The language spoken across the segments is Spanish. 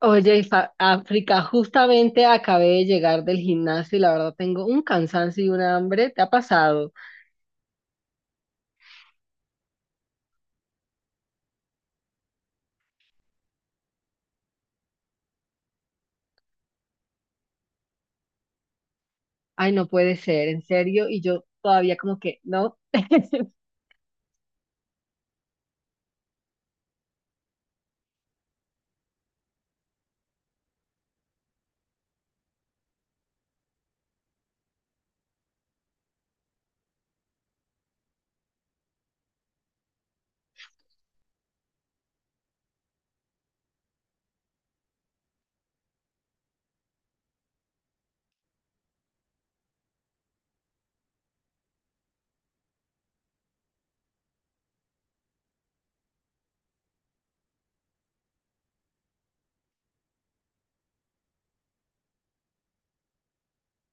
Oye, África, justamente acabé de llegar del gimnasio y la verdad tengo un cansancio y una hambre. ¿Te ha pasado? Ay, no puede ser, en serio. Y yo todavía como que no.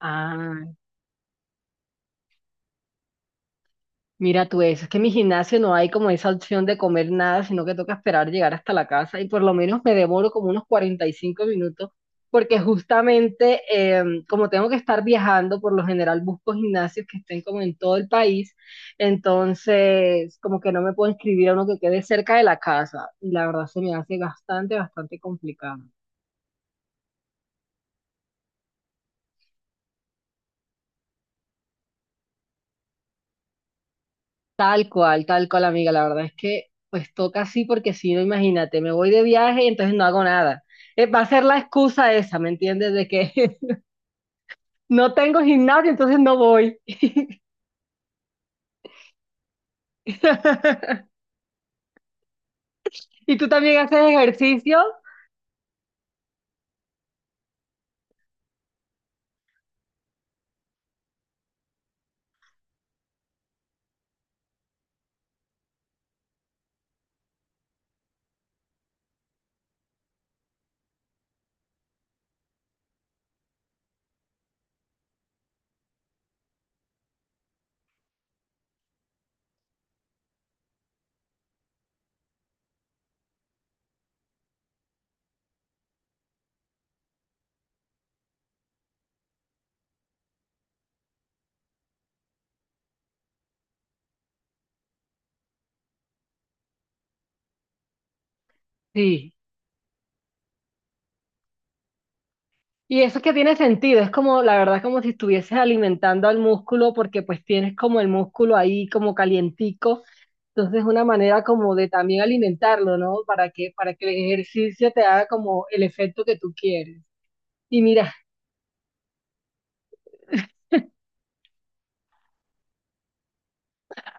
Ah. Mira tú eso, es que en mi gimnasio no hay como esa opción de comer nada, sino que toca esperar llegar hasta la casa y por lo menos me demoro como unos 45 minutos porque justamente como tengo que estar viajando, por lo general busco gimnasios que estén como en todo el país, entonces como que no me puedo inscribir a uno que quede cerca de la casa y la verdad se me hace bastante, bastante complicado. Tal cual, amiga. La verdad es que pues toca así porque si no, imagínate, me voy de viaje y entonces no hago nada. Va a ser la excusa esa, ¿me entiendes? De que no tengo gimnasio, entonces no voy. ¿Y tú también haces ejercicio? Sí. Y eso que tiene sentido, es como, la verdad, como si estuvieses alimentando al músculo porque pues tienes como el músculo ahí como calientico. Entonces, una manera como de también alimentarlo, ¿no? Para que el ejercicio te haga como el efecto que tú quieres. Y mira,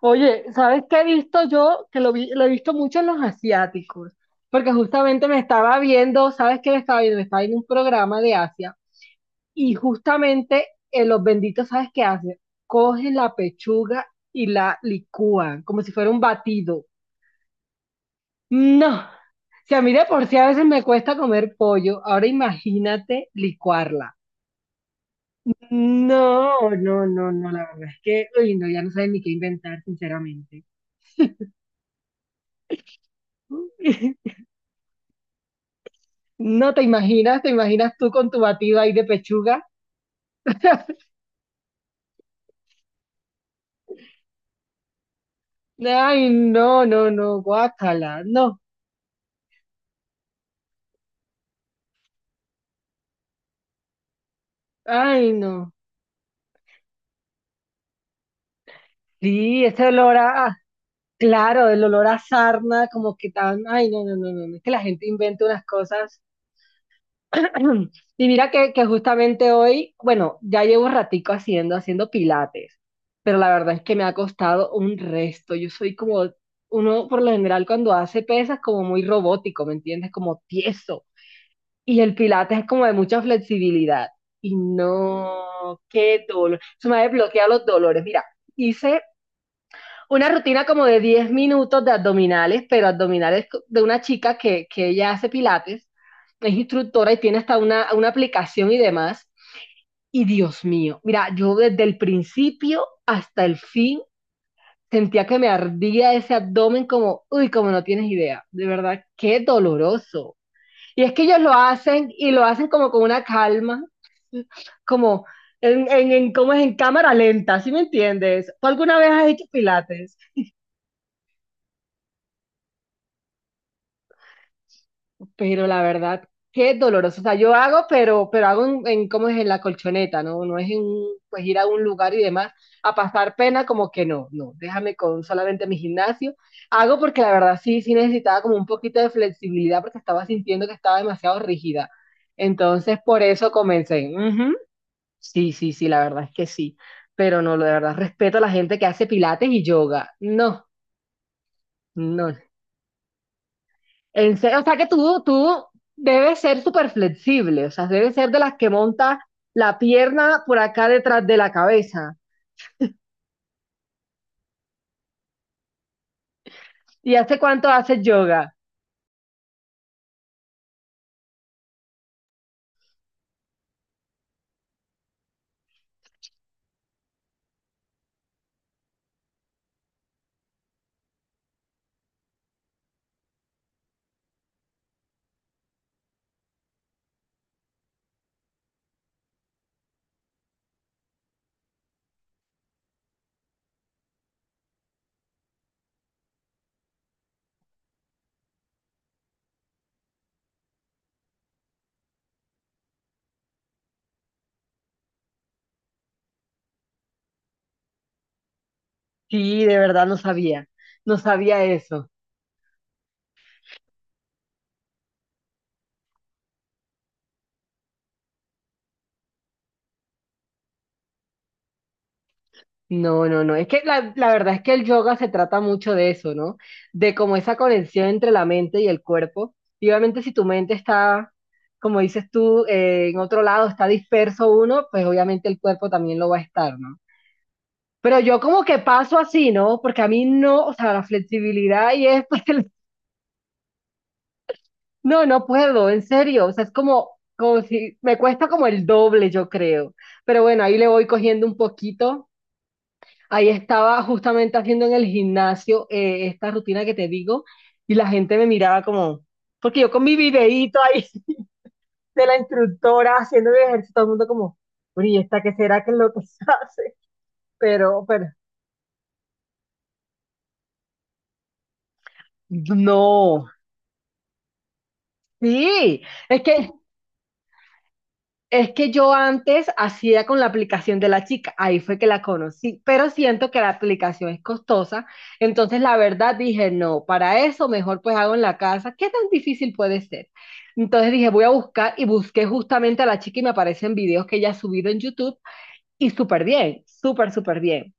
oye, ¿sabes qué he visto yo? Que lo he visto mucho en los asiáticos, porque justamente me estaba viendo, ¿sabes qué me estaba viendo? Me estaba viendo un programa de Asia y justamente los benditos, ¿sabes qué hacen? Cogen la pechuga y la licúan como si fuera un batido. No, si a mí de por sí a veces me cuesta comer pollo, ahora imagínate licuarla. No, no, no, no, la verdad es que, uy, no, ya no saben ni qué inventar, sinceramente. No te imaginas, te imaginas tú con tu batido ahí de pechuga. Ay, no, no, no, guácala, no. Ay, no. Sí, ese olor a, claro, el olor a sarna, como que tan, ay, no, no, no, no, no, es que la gente inventa unas cosas. Y mira que justamente hoy, bueno, ya llevo un ratico haciendo pilates, pero la verdad es que me ha costado un resto. Yo soy como, uno por lo general cuando hace pesas, como muy robótico, ¿me entiendes? Como tieso. Y el pilates es como de mucha flexibilidad. Y no, qué dolor. Se me ha desbloqueado los dolores. Mira, hice una rutina como de 10 minutos de abdominales, pero abdominales de una chica que ella hace pilates, es instructora y tiene hasta una aplicación y demás. Y Dios mío, mira, yo desde el principio hasta el fin sentía que me ardía ese abdomen como, uy, como no tienes idea. De verdad, qué doloroso. Y es que ellos lo hacen y lo hacen como con una calma. Como en ¿cómo es? En cámara lenta, ¿sí me entiendes? ¿Tú alguna vez has hecho pilates? Pero la verdad, qué doloroso. O sea, yo hago, pero hago en ¿cómo es? En la colchoneta, ¿no? No es en, pues, ir a un lugar y demás a pasar pena, como que no, no, déjame con solamente mi gimnasio. Hago porque la verdad sí, sí necesitaba como un poquito de flexibilidad porque estaba sintiendo que estaba demasiado rígida. Entonces, por eso comencé. Ujú. Sí, sí, sí, la verdad es que sí. Pero no, la verdad, respeto a la gente que hace pilates y yoga. No, no. En serio, o sea que tú debes ser súper flexible, o sea, debes ser de las que monta la pierna por acá detrás de la cabeza. ¿Y hace cuánto haces yoga? Sí, de verdad no sabía, no sabía eso. No, no, no. Es que la verdad es que el yoga se trata mucho de eso, ¿no? De como esa conexión entre la mente y el cuerpo. Y obviamente si tu mente está, como dices tú, en otro lado, está disperso uno, pues obviamente el cuerpo también lo va a estar, ¿no? Pero yo como que paso así, ¿no? Porque a mí no, o sea, la flexibilidad y es, pues, no, no puedo, en serio. O sea, es como, como si, me cuesta como el doble, yo creo. Pero bueno, ahí le voy cogiendo un poquito. Ahí estaba justamente haciendo en el gimnasio esta rutina que te digo y la gente me miraba como, porque yo con mi videíto ahí de la instructora haciendo mi ejercicio, todo el mundo como, "Bueno, ¿y esta qué será que es lo que hace?". Pero, no, sí, es que Es que yo antes hacía con la aplicación de la chica, ahí fue que la conocí, pero siento que la aplicación es costosa, entonces la verdad dije, no, para eso mejor pues hago en la casa, ¿qué tan difícil puede ser? Entonces dije, voy a buscar y busqué justamente a la chica y me aparecen videos que ella ha subido en YouTube y súper bien, súper, súper bien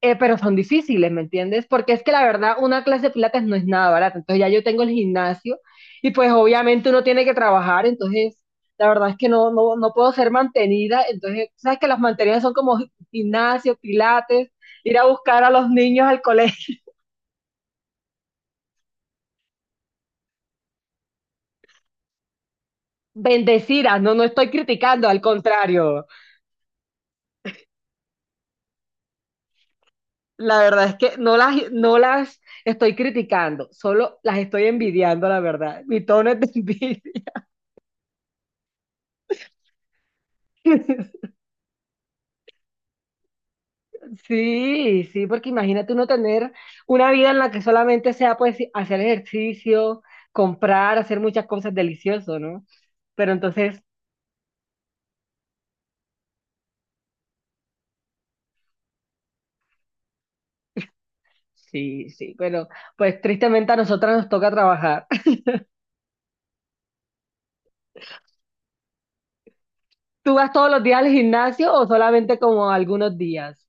pero son difíciles, ¿me entiendes? Porque es que la verdad, una clase de pilates no es nada barata. Entonces ya yo tengo el gimnasio y pues obviamente uno tiene que trabajar, entonces la verdad es que no, no, no puedo ser mantenida. Entonces, sabes que las mantenidas son como gimnasio, pilates, ir a buscar a los niños al colegio. Bendecidas, no, no estoy criticando, al contrario. La verdad es que no las estoy criticando, solo las estoy envidiando, la verdad. Mi tono es de envidia. Sí, sí, porque imagínate uno tener una vida en la que solamente sea pues hacer ejercicio, comprar, hacer muchas cosas delicioso, ¿no? Pero entonces, sí, sí, pero pues tristemente a nosotras nos toca trabajar. ¿Tú vas todos los días al gimnasio o solamente como algunos días?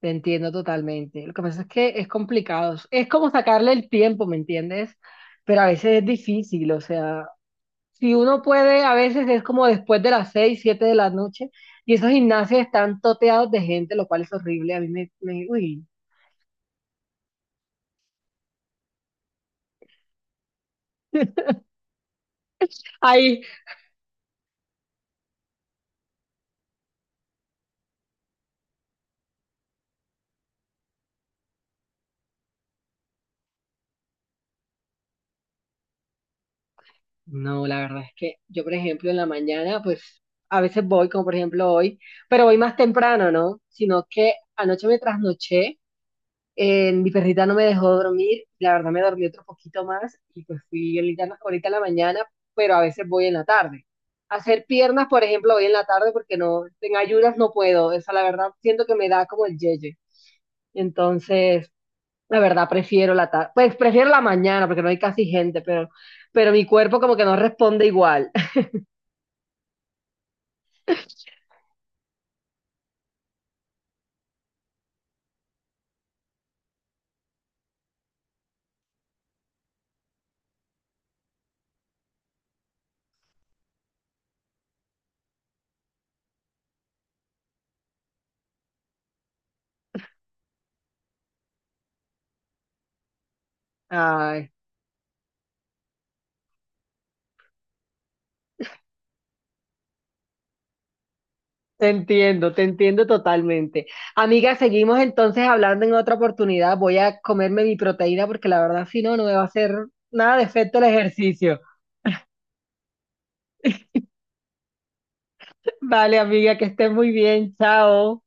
Te entiendo totalmente. Lo que pasa es que es complicado. Es como sacarle el tiempo, ¿me entiendes? Pero a veces es difícil, o sea, si uno puede, a veces es como después de las 6 7 de la noche, y esos gimnasios están toteados de gente, lo cual es horrible. A mí uy. Ay, no, la verdad es que yo, por ejemplo, en la mañana, pues a veces voy, como por ejemplo hoy, pero voy más temprano, ¿no? Sino que anoche me trasnoché. Mi perrita no me dejó dormir, la verdad me dormí otro poquito más y pues fui ahorita, ahorita en la mañana, pero a veces voy en la tarde. Hacer piernas, por ejemplo, voy en la tarde porque no, en ayudas no puedo, esa la verdad siento que me da como el yeye. Entonces, la verdad prefiero la tarde, pues prefiero la mañana porque no hay casi gente, pero mi cuerpo como que no responde igual. Ay. Te entiendo totalmente. Amiga, seguimos entonces hablando en otra oportunidad. Voy a comerme mi proteína porque la verdad, si no, no me va a hacer nada de efecto el ejercicio. Vale, amiga, que estés muy bien. Chao.